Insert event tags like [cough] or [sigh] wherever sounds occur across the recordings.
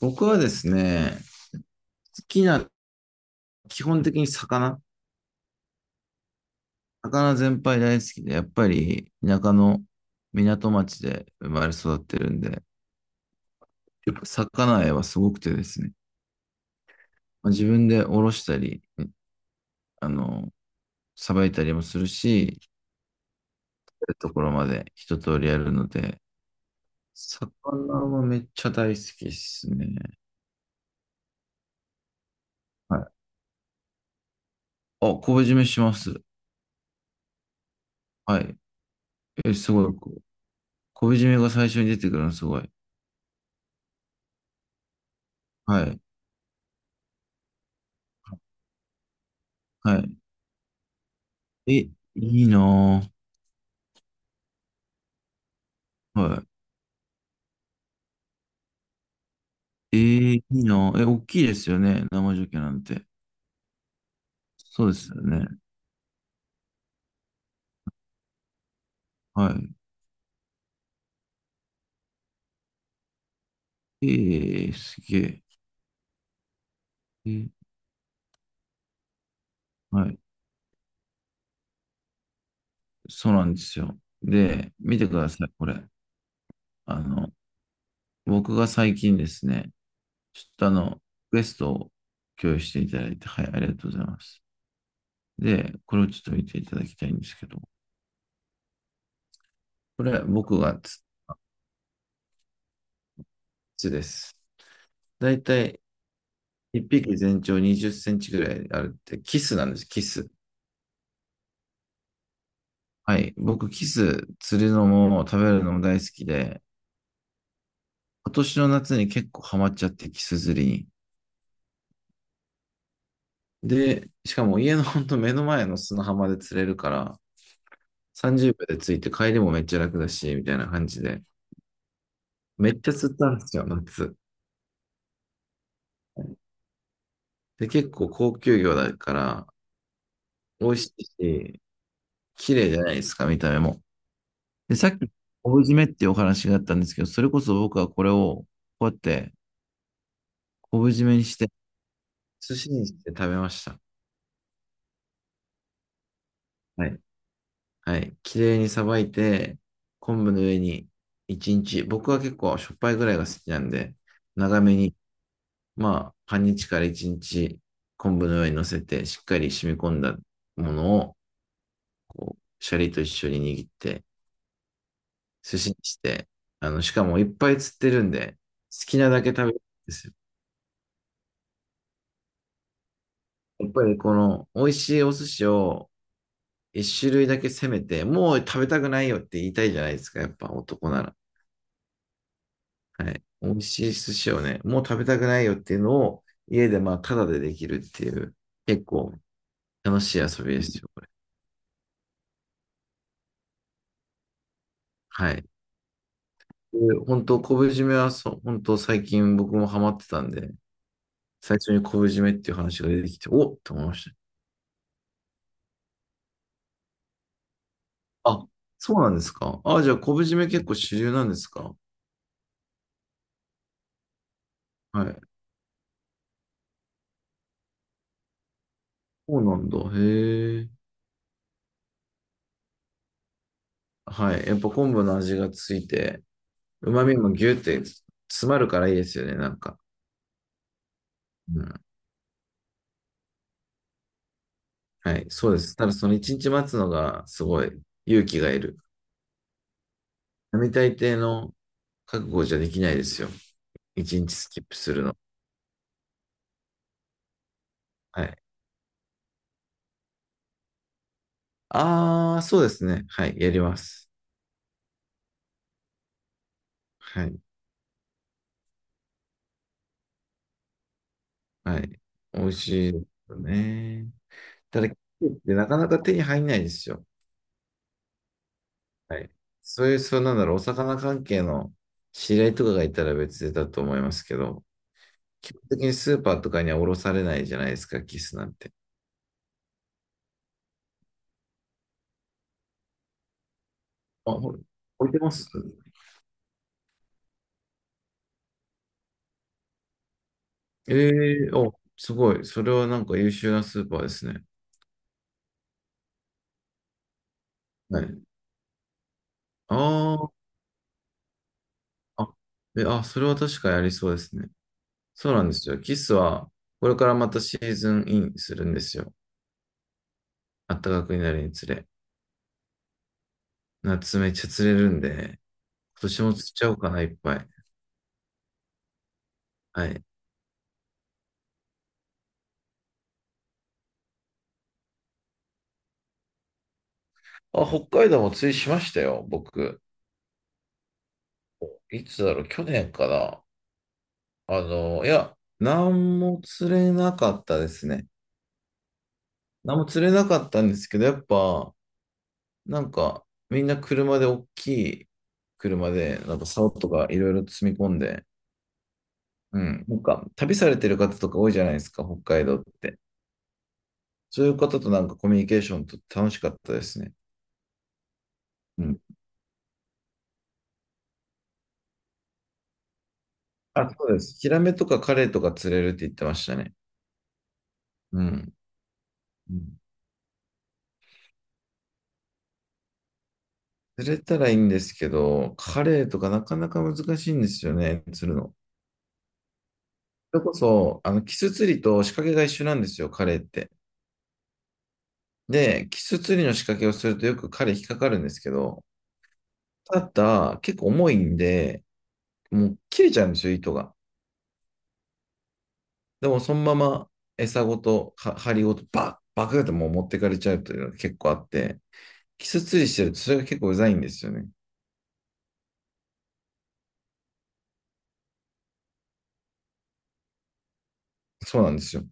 僕はですね、好きな、基本的に魚、魚全般大好きで、やっぱり田舎の港町で生まれ育ってるんで、やっぱ魚愛はすごくてですね、まあ、自分でおろしたり、あの、さばいたりもするし、やるところまで一通りやるので、魚はめっちゃ大好きですね。はい。あ、昆布締めします。はい。え、すごい。こう昆布締めが最初に出てくるのすごい。はい。はい。え、いいなぁ。はい。ええいいな。え、大きいですよね。生ジョッキなんて。そうですよね。はい。ええすげえ。えーはい。そうなんですよ。で、見てください、これ。あの、僕が最近ですね、ちょっとあの、リクエストを共有していただいて、はい、ありがとうございます。で、これをちょっと見ていただきたいんですけど、これ僕が筒です。だいたい1匹全長20センチぐらいあるって、キスなんです、キス。はい。僕、キス釣るのも食べるのも大好きで、今年の夏に結構ハマっちゃって、キス釣りに。で、しかも家のほんと [laughs] 目の前の砂浜で釣れるから、30秒で着いて帰りもめっちゃ楽だし、みたいな感じで。めっちゃ釣ったんですよ、夏。で、結構高級魚だから、美味しいし、綺麗じゃないですか、見た目も。で、さっき、昆布締めっていうお話があったんですけど、それこそ僕はこれを、こうやって、昆布締めにして、寿司にして食べました。はいはい。綺麗にさばいて、昆布の上に1日、僕は結構しょっぱいぐらいが好きなんで、長めに、まあ、半日から1日、昆布の上に乗せて、しっかり染み込んだものを、こう、シャリと一緒に握って、寿司にして、あの、しかもいっぱい釣ってるんで、好きなだけ食べるんですよ。やっぱりこの、美味しいお寿司を一種類だけ攻めて、もう食べたくないよって言いたいじゃないですか、やっぱ男なら。はい。美味しい寿司をね、もう食べたくないよっていうのを、家でまあ、ただでできるっていう、結構楽しい遊びですよ、これ。はい。で本当、昆布締めはそう、本当最近僕もハマってたんで、最初に昆布締めっていう話が出てきて、おっと思いました。あ、そうなんですか。あ、じゃあ昆布締め結構主流なんですか。はい。そうなんだ。へえ。はい。やっぱ昆布の味がついて、旨味もギュって詰まるからいいですよね、なんか。うんはい、そうです。ただその一日待つのがすごい勇気がいる。並大抵の覚悟じゃできないですよ。一日スキップするの。はい。ああ、そうですね。はい、やります。はい、はい。美味しいですよね。ただ、キウイってなかなか手に入んないですよ。はい。そういう、そうなんだろう、お魚関係の知り合いとかがいたら別だと思いますけど、基本的にスーパーとかには卸されないじゃないですか、キスなんて。あ、ほら置いてますええーお、すごい。それはなんか優秀なスーパーですね。はい。あーあ、え、あ、それは確かやりそうですね。そうなんですよ。キスは、これからまたシーズンインするんですよ。暖かくなるにつれ。夏めっちゃ釣れるんで、今年も釣っちゃおうかな、いっぱい。はい。あ、北海道も釣りしましたよ、僕。いつだろう、去年かな。あの、いや、何も釣れなかったですね。何も釣れなかったんですけど、やっぱ、なんか、みんな車で、大きい車で、なんか竿とかいろいろ積み込んで、うん、なんか、旅されてる方とか多いじゃないですか、北海道って。そういう方となんかコミュニケーションとって楽しかったですね。うん。あ、そうです。ヒラメとかカレイとか釣れるって言ってましたね。うん。うん釣れたらいいんですけど、カレイとかなかなか難しいんですよね、釣るの。それこそ、あの、キス釣りと仕掛けが一緒なんですよ、カレイって。で、キス釣りの仕掛けをするとよくカレイ引っかかるんですけど、ただ、結構重いんで、もう切れちゃうんですよ、糸が。でも、そのまま餌ごと、は針ごと、バッ、バクってもう持ってかれちゃうというのが結構あって、キス釣りしてると、それが結構うざいんですよね。そうなんですよ。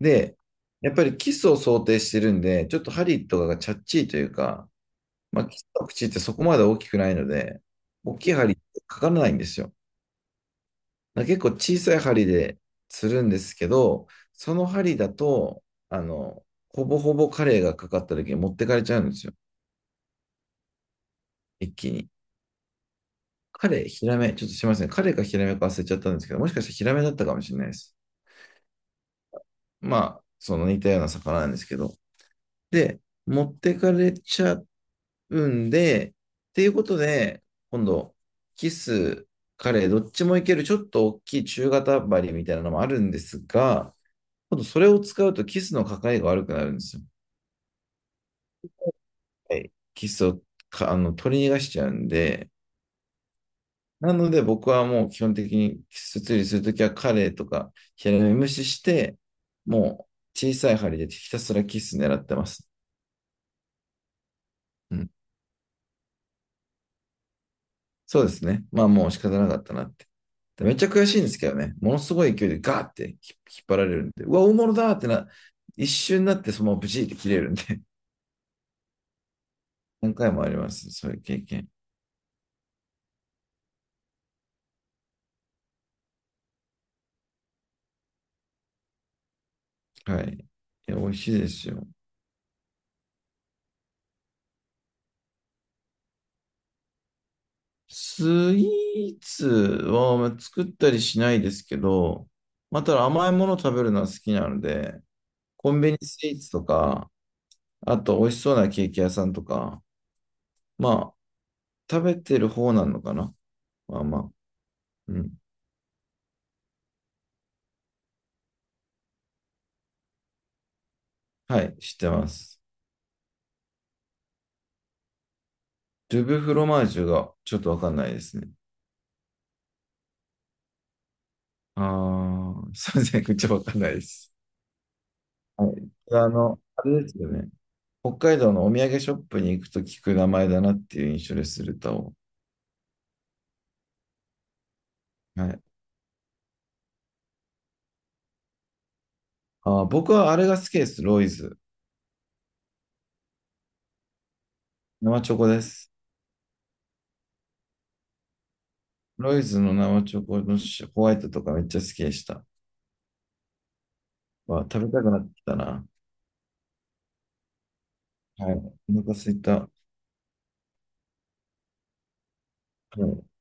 で、やっぱりキスを想定してるんで、ちょっと針とかがチャッチーというか、まあ、キスの口ってそこまで大きくないので、大きい針かからないんですよ。ま結構小さい針で釣るんですけど、その針だと、あの、ほぼほぼカレイがかかった時に持ってかれちゃうんですよ。一気に。カレイ、ヒラメ、ちょっとすいません。カレイかヒラメか忘れちゃったんですけど、もしかしたらヒラメだったかもしれないです。まあ、その似たような魚なんですけど。で、持ってかれちゃうんで、っていうことで、今度、キス、カレイ、どっちもいける、ちょっと大きい中型針みたいなのもあるんですが、今度それを使うとキスのかかりが悪くなるんですよ。はいキスをかあの取り逃がしちゃうんで、なので僕はもう基本的にキス釣りするときはカレーとかヒラメ無視して、もう小さい針でひたすらキス狙ってます。うん。そうですね。まあもう仕方なかったなって。めっちゃ悔しいんですけどね。ものすごい勢いでガーって引っ張られるんで、うわ、大物だーってな、一瞬になってそのままブチって切れるんで、[laughs] 何回もあります。そういう経験。はい。いや、美味しいですよ。スイーツはまあ作ったりしないですけど、まあ、ただ甘いもの食べるのは好きなので、コンビニスイーツとか、あと美味しそうなケーキ屋さんとか、まあ、食べてる方なのかな。まあまあ、うん。はい、知ってます。ドゥブフロマージュがちょっとわかんないですね。ああ、すいません、ちょっとわかんないです。はい。あの、あれですよね。北海道のお土産ショップに行くと聞く名前だなっていう印象ですると。はいあー、僕はあれが好きです。ロイズ。生チョコです。ロイズの生チョコのシホワイトとかめっちゃ好きでした。わ、食べたくなってきたな。はい。お腹すいた。はい